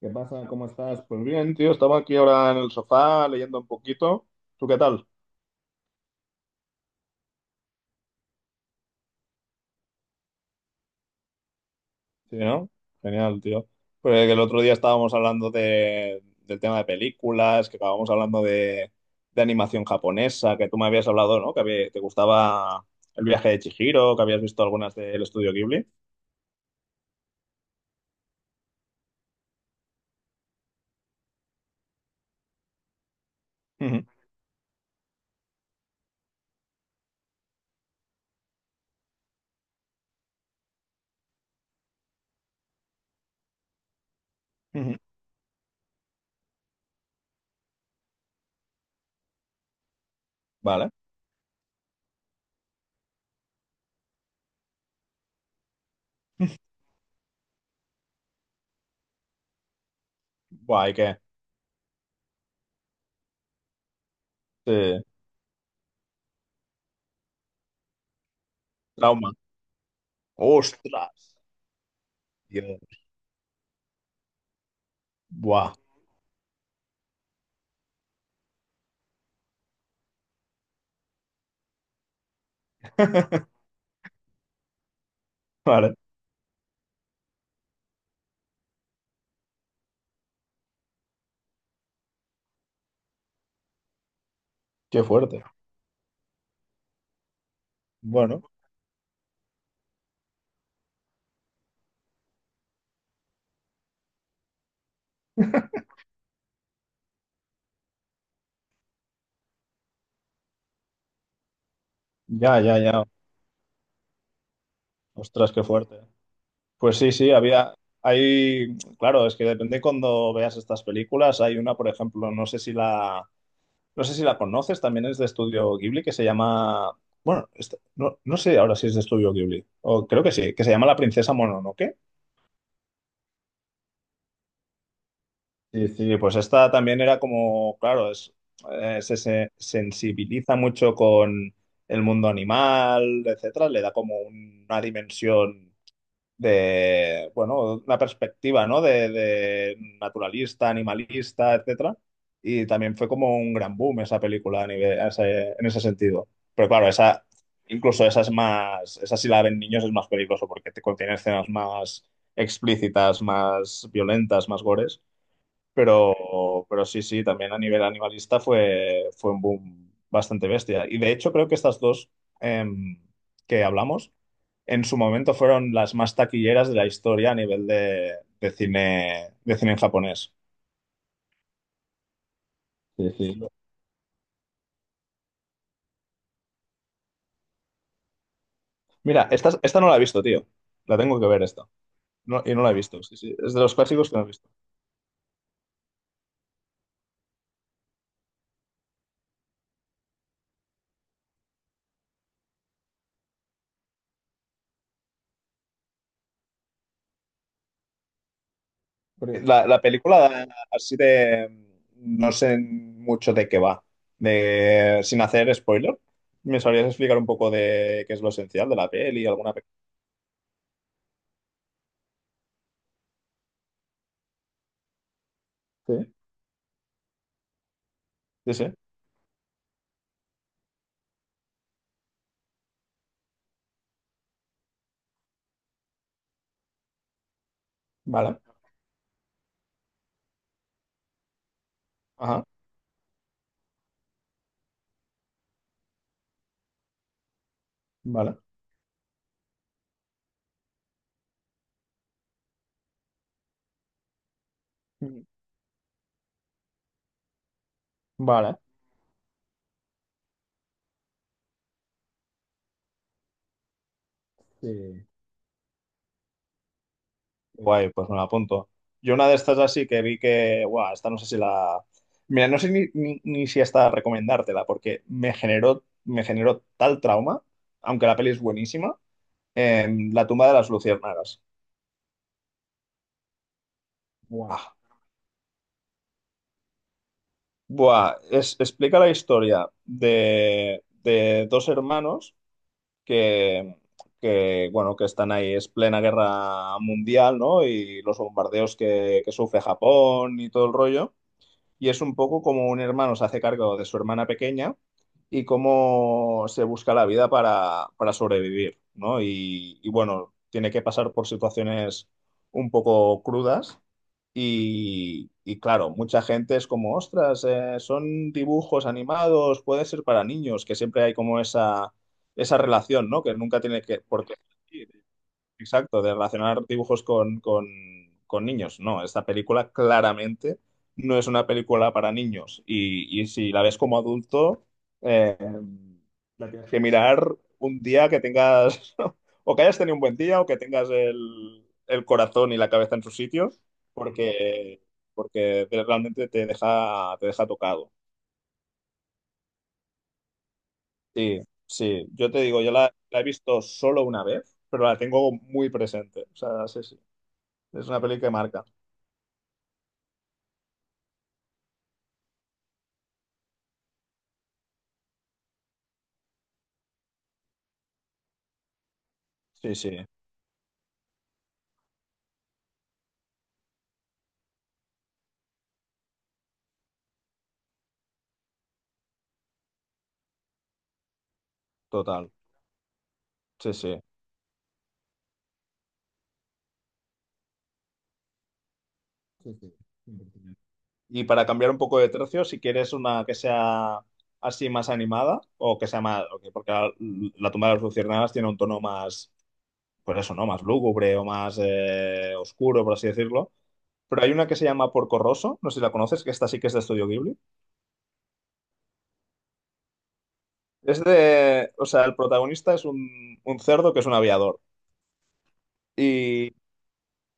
¿Qué pasa? ¿Cómo estás? Pues bien, tío, estaba aquí ahora en el sofá leyendo un poquito. ¿Tú qué tal? Sí, ¿no? Genial, tío. Porque el otro día estábamos hablando del tema de películas, que acabamos hablando de animación japonesa, que tú me habías hablado, ¿no? Te gustaba El viaje de Chihiro, que habías visto algunas del estudio Ghibli. Ujú, ujú. Vale. Buah, ¿y qué? Sí. Trauma. ¡Ostras! Dios. Buah. Vale. Qué fuerte. Bueno, ya, ya, ya. Ostras, qué fuerte. Pues sí, sí, había, Hay, claro, es que depende cuando veas estas películas. Hay una, por ejemplo, no sé si la conoces, también es de Estudio Ghibli, que se llama, bueno, esta- no, no sé ahora si es de Estudio Ghibli, o creo que sí, que se llama La Princesa Mononoke. Sí, sí, pues esta también era como, claro, se sensibiliza mucho con el mundo animal, etcétera, le da como una dimensión bueno, una perspectiva, ¿no? De naturalista, animalista, etcétera. Y también fue como un gran boom esa película a nivel, a ese- en ese sentido. Pero claro, esa, Incluso esa es más, esa si la ven niños es más peligroso porque te contiene escenas más explícitas, más violentas, más gores. Pero sí, sí, también a nivel animalista fue un boom bastante bestia. Y de hecho creo que estas dos em, que hablamos en su momento fueron las más taquilleras de la historia de cine en japonés. Sí, sí. Mira, esta no la he visto, tío. La tengo que ver esta. No, y no la he visto, sí, sí. Es de los clásicos que no he visto. Porque la película así de... No sé mucho de qué va. De, sin hacer spoiler, ¿me sabrías explicar un poco de qué es lo esencial de la peli? ¿Alguna pe- Sí, sí, sí. Vale. Ajá. Vale. Vale. Sí. Guay, pues me la apunto. Yo una de estas así que vi que, guau, esta no sé si la... Mira, no sé ni si hasta recomendártela, porque me generó tal trauma, aunque la peli es buenísima, en La tumba de las luciérnagas. Buah. Explica la historia de dos hermanos que, que están ahí, es plena guerra mundial, ¿no? Y los bombardeos que sufre Japón y todo el rollo. Y es un poco como un hermano se hace cargo de su hermana pequeña y cómo se busca la vida para sobrevivir, ¿no? Y bueno, tiene que pasar por situaciones un poco crudas y claro, mucha gente es como, ostras, son dibujos animados, puede ser para niños, que siempre hay como esa relación, ¿no? Que nunca tiene que, por qué existir. Exacto, de relacionar dibujos con niños. No, esta película claramente no es una película para niños. Y si la ves como adulto, eh, tienes que mirar un día que tengas, o que hayas tenido un buen día, o que tengas el corazón y la cabeza en su sitio, porque, porque realmente te deja tocado. Sí, sí, yo te digo, yo la he visto solo una vez, pero la tengo muy presente. O sea, sí, sí, es una peli que marca. Sí, sí, total. Sí, sí. Sí, sí, 100%. Y para cambiar un poco de tercio, si quieres una que sea así más animada o que sea más, ok, porque la tumba de las luciérnagas tiene un tono más, pues eso, ¿no? Más lúgubre o más oscuro, por así decirlo. Pero hay una que se llama Porco Rosso, no sé si la conoces, que esta sí que es de Estudio Ghibli. Es de, o sea, el protagonista es un cerdo que es un aviador.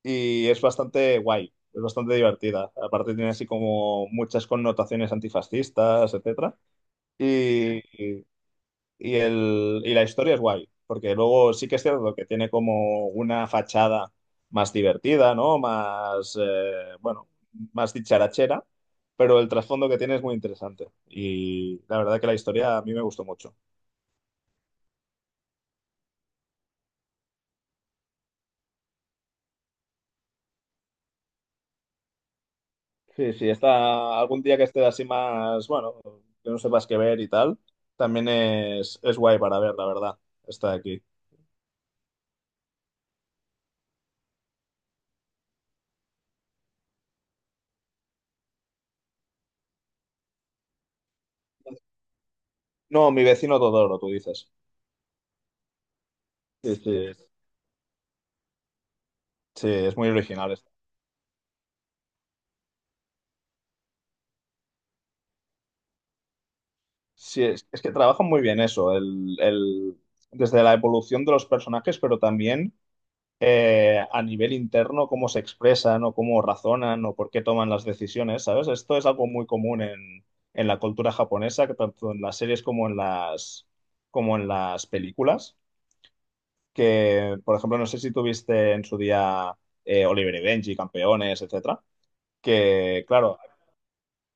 Y es bastante guay, es bastante divertida. Aparte tiene así como muchas connotaciones antifascistas, etcétera. Y, y, y la historia es guay, porque luego sí que es cierto que tiene como una fachada más divertida, ¿no? Más, bueno, más dicharachera, pero el trasfondo que tiene es muy interesante. Y la verdad que la historia a mí me gustó mucho. Sí, sí, está algún día que estés así más, bueno, que no sepas qué ver y tal, también es guay para ver, la verdad. Está aquí. No, mi vecino Todoro, tú dices. Sí, sí, sí, es muy original. Esto. Sí, es que trabajan muy bien eso, desde la evolución de los personajes, pero también a nivel interno cómo se expresan o cómo razonan o por qué toman las decisiones, ¿sabes? Esto es algo muy común en la cultura japonesa, que tanto en las series como en las películas, que, por ejemplo, no sé si tuviste en su día Oliver y Benji, Campeones, etcétera, que, claro,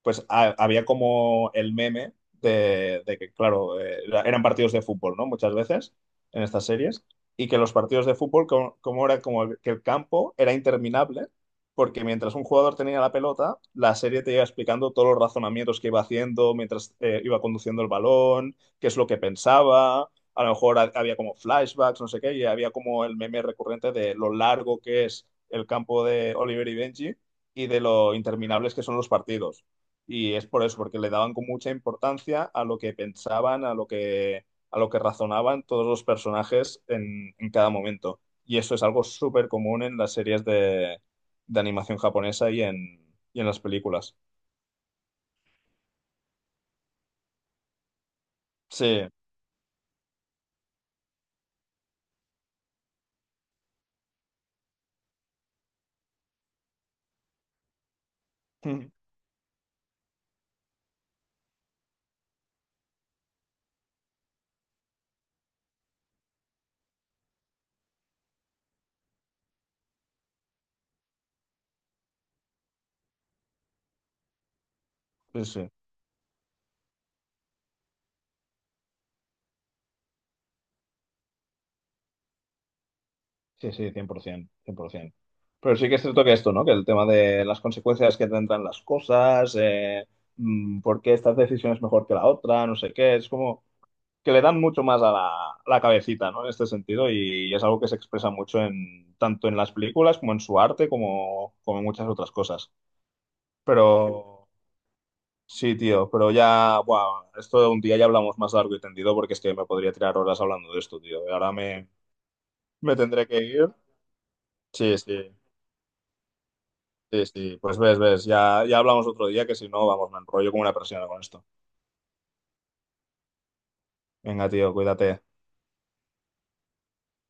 había como el meme de que eran partidos de fútbol, ¿no? Muchas veces en estas series, y que los partidos de fútbol, como era como que el campo era interminable, porque mientras un jugador tenía la pelota, la serie te iba explicando todos los razonamientos que iba haciendo mientras iba conduciendo el balón, qué es lo que pensaba. A lo mejor había como flashbacks, no sé qué, y había como el meme recurrente de lo largo que es el campo de Oliver y Benji y de lo interminables que son los partidos. Y es por eso, porque le daban con mucha importancia a lo que pensaban, a lo que razonaban todos los personajes en cada momento. Y eso es algo súper común en las series de animación japonesa y en las películas. Sí, sí, sí, sí, sí, cien por 100%. Pero sí que es cierto que esto, ¿no? Que el tema de las consecuencias que tendrán las cosas, por qué esta decisión es mejor que la otra, no sé qué, es como que le dan mucho más a a la cabecita, ¿no? En este sentido, y es algo que se expresa mucho en, tanto en las películas como en su arte, como, como en muchas otras cosas. Pero sí, tío, pero ya, bueno, esto de un día ya hablamos más largo y tendido porque es que me podría tirar horas hablando de esto, tío. Y ahora me, me tendré que ir. Sí, sí, sí, sí. Pues ves, ves, ya, ya hablamos otro día que si no, vamos, me enrollo como una persona con esto. Venga, tío, cuídate.